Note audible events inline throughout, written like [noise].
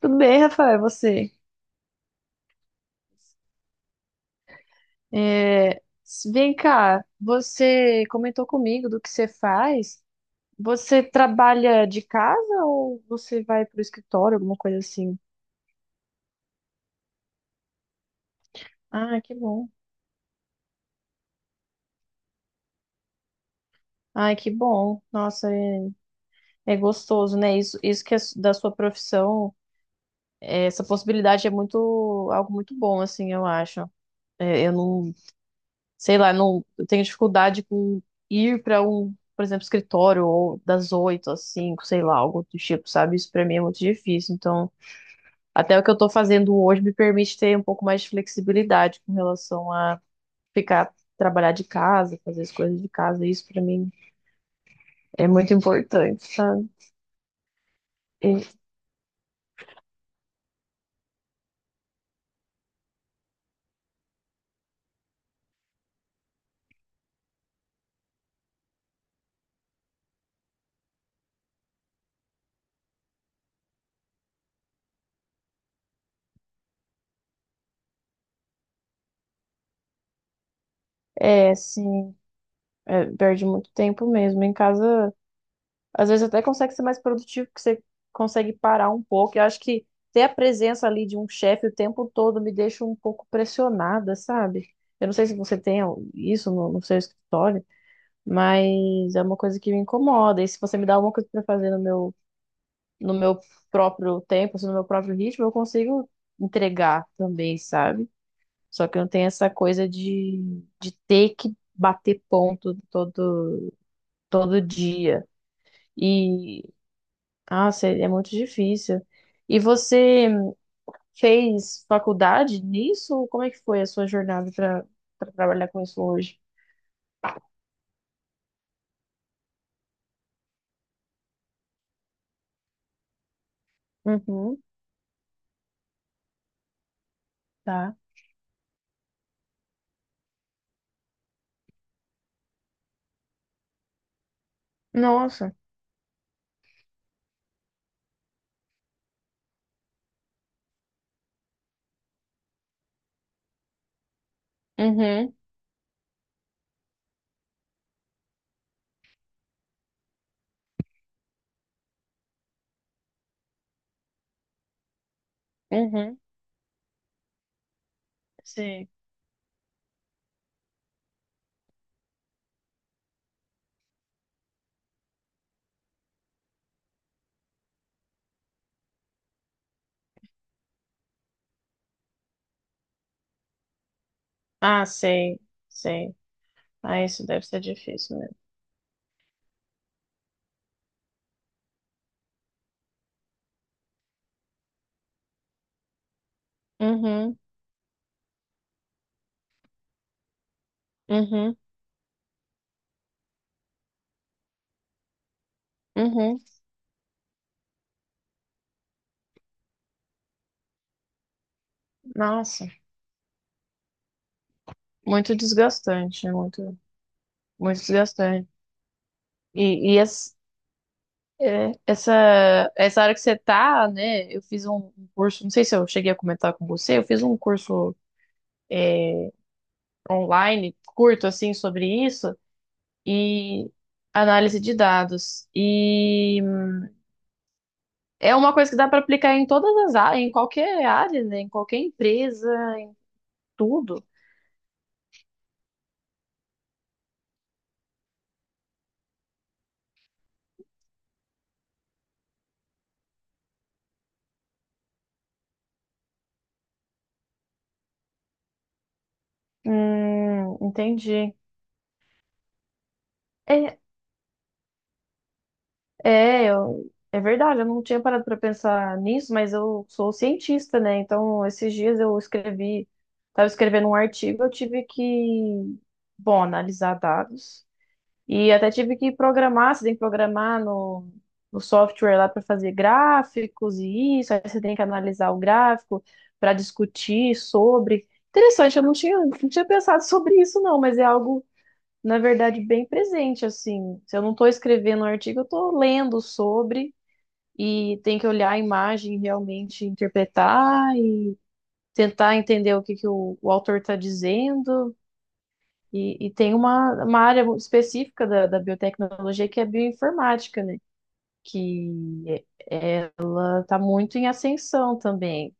Tudo bem, Rafael, é você? É, vem cá, você comentou comigo do que você faz. Você trabalha de casa ou você vai para o escritório, alguma coisa assim? Ah, que bom. Ai, que bom. Nossa, é, é gostoso, né? Isso que é da sua profissão, é, essa possibilidade é muito, algo muito bom, assim, eu acho. É, eu não, sei lá, não, eu tenho dificuldade com ir para um, por exemplo, escritório ou das oito às cinco, sei lá, algo do tipo, sabe? Isso para mim é muito difícil. Então, até o que eu tô fazendo hoje me permite ter um pouco mais de flexibilidade com relação a ficar trabalhar de casa, fazer as coisas de casa. Isso para mim é muito importante, sabe? E- É, sim, é, perde muito tempo mesmo em casa. Às vezes até consegue ser mais produtivo, porque você consegue parar um pouco. Eu acho que ter a presença ali de um chefe o tempo todo me deixa um pouco pressionada, sabe? Eu não sei se você tem isso no seu escritório, mas é uma coisa que me incomoda. E se você me dá alguma coisa para fazer no meu, no meu próprio tempo, assim, no meu próprio ritmo, eu consigo entregar também, sabe? Só que eu não tenho essa coisa de ter que bater ponto todo, todo dia. E nossa, é muito difícil. E você fez faculdade nisso? Como é que foi a sua jornada para para trabalhar com isso hoje? Uhum, tá. Nossa. Uhum, uhum. Sei. Ah, sei, sei. Ah, isso deve ser difícil mesmo. Uhum, uhum, uhum. Nossa, muito desgastante, né? Muito, muito desgastante. E, e es- É, essa área que você tá, né? Eu fiz um curso, não sei se eu cheguei a comentar com você, eu fiz um curso online curto assim sobre isso e análise de dados. E é uma coisa que dá para aplicar em todas as áreas, em qualquer área, né? Em qualquer empresa, em tudo. Entendi. É, É verdade, eu não tinha parado para pensar nisso, mas eu sou cientista, né? Então, esses dias eu escrevi, estava escrevendo um artigo, eu tive que, bom, analisar dados. E até tive que programar, você tem que programar no software lá para fazer gráficos e isso, aí você tem que analisar o gráfico para discutir sobre. Interessante, eu não tinha pensado [laughs] sobre isso, não, mas é algo, na verdade, bem presente, assim. Se eu não estou escrevendo um artigo, eu estou lendo sobre e tem que olhar a imagem realmente interpretar e tentar entender o que que o autor está dizendo. E tem uma área específica da biotecnologia que é a bioinformática, né? Que é, ela está muito em ascensão também.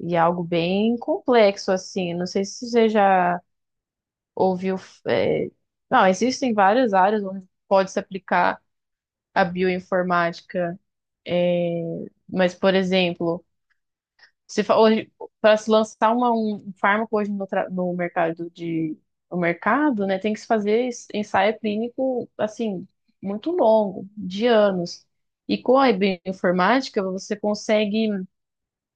E é algo bem complexo, assim. Não sei se você já ouviu. É, não, existem várias áreas onde pode se aplicar a bioinformática. É, mas, por exemplo, Se fa- hoje para se lançar um fármaco hoje no, no mercado de no mercado, né, tem que se fazer ensaio clínico assim muito longo, de anos. E com a bioinformática você consegue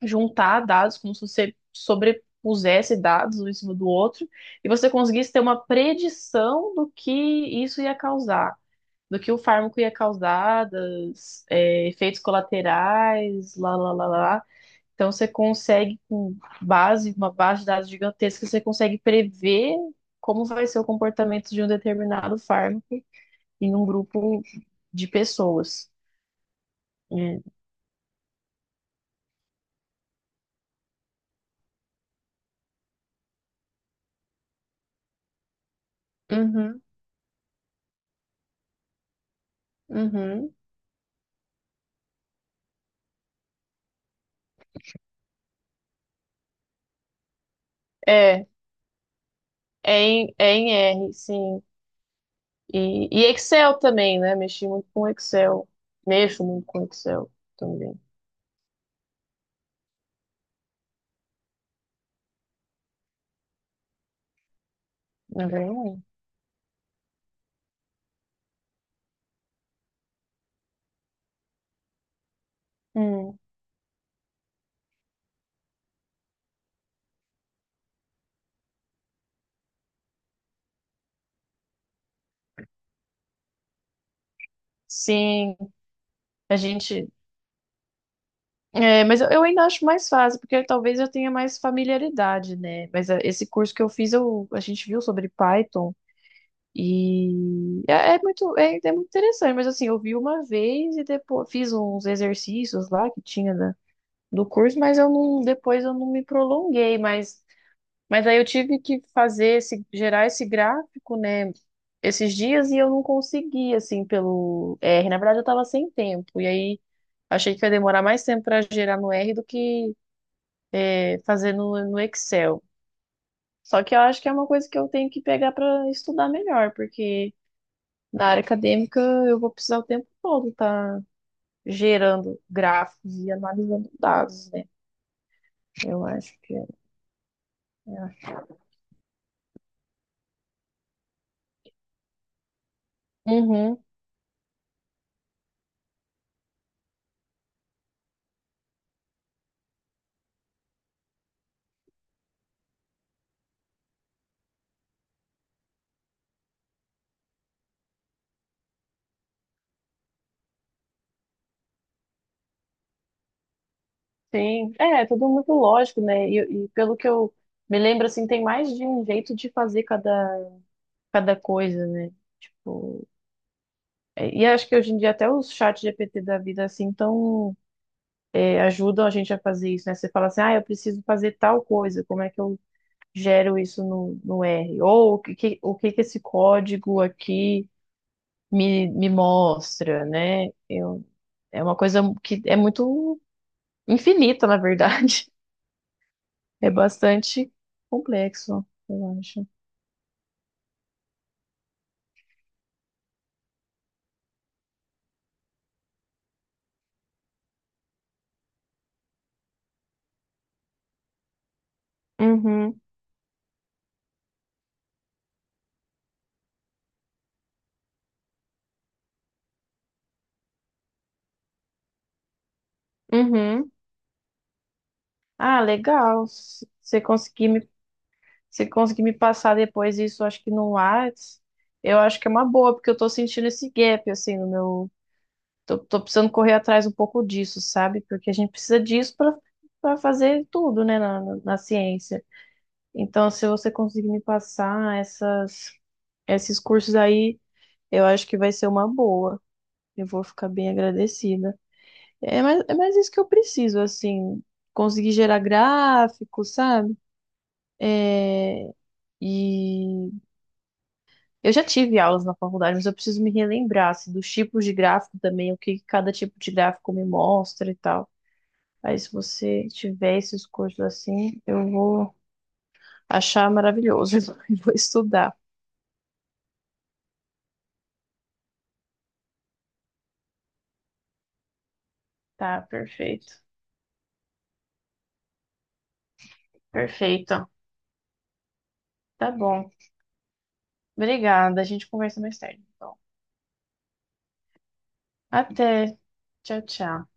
juntar dados como se você sobrepusesse dados um em cima do outro e você conseguisse ter uma predição do que isso ia causar. Do que o fármaco ia causar, dos, efeitos colaterais, lá, lá, lá, lá. Então você consegue, com base, uma base de dados gigantesca, você consegue prever como vai ser o comportamento de um determinado fármaco em um grupo de pessoas. É, uhum, uhum. é, é em R, sim. E Excel também, né? Mexi muito com Excel. Mexo muito com Excel também. Não vem ruim. Hum, sim, a gente. É, mas eu ainda acho mais fácil, porque talvez eu tenha mais familiaridade, né? Mas é, esse curso que eu fiz, eu, a gente viu sobre Python e é muito interessante, mas assim, eu vi uma vez e depois fiz uns exercícios lá que tinha do curso, mas eu não, depois eu não me prolonguei, mas aí eu tive que fazer esse, gerar esse gráfico, né? Esses dias e eu não consegui, assim, pelo R. Na verdade, eu tava sem tempo, e aí. Achei que ia demorar mais tempo para gerar no R do que fazer no, no Excel. Só que eu acho que é uma coisa que eu tenho que pegar para estudar melhor, porque na área acadêmica eu vou precisar o tempo todo estar gerando gráficos e analisando dados, né? Eu acho que é. Uhum, sim. É, é tudo muito lógico, né? E pelo que eu me lembro, assim, tem mais de um jeito de fazer cada, cada coisa, né? Tipo, é, e acho que hoje em dia até os chats GPT da vida, assim, estão é, ajudam a gente a fazer isso, né? Você fala assim, ah, eu preciso fazer tal coisa, como é que eu gero isso no, no R? Ou o que, o que que esse código aqui me mostra, né? Eu, é uma coisa que é muito infinita, na verdade. [laughs] É bastante complexo, eu acho. Uhum, uhum. Ah, legal. Se conseguir me passar depois isso, acho que no Whats, eu acho que é uma boa, porque eu tô sentindo esse gap, assim, no meu tô precisando correr atrás um pouco disso, sabe? Porque a gente precisa disso para para fazer tudo, né, na ciência. Então, se você conseguir me passar essas, esses cursos aí, eu acho que vai ser uma boa. Eu vou ficar bem agradecida. É mais isso que eu preciso, assim, conseguir gerar gráfico, sabe? É, e eu já tive aulas na faculdade, mas eu preciso me relembrar, assim, dos tipos de gráfico também, o que cada tipo de gráfico me mostra e tal. Aí, se você tiver esses cursos assim, eu vou achar maravilhoso [laughs] e vou estudar. Tá, perfeito. Perfeito. Tá bom. Obrigada. A gente conversa mais tarde. Então, até. Tchau, tchau.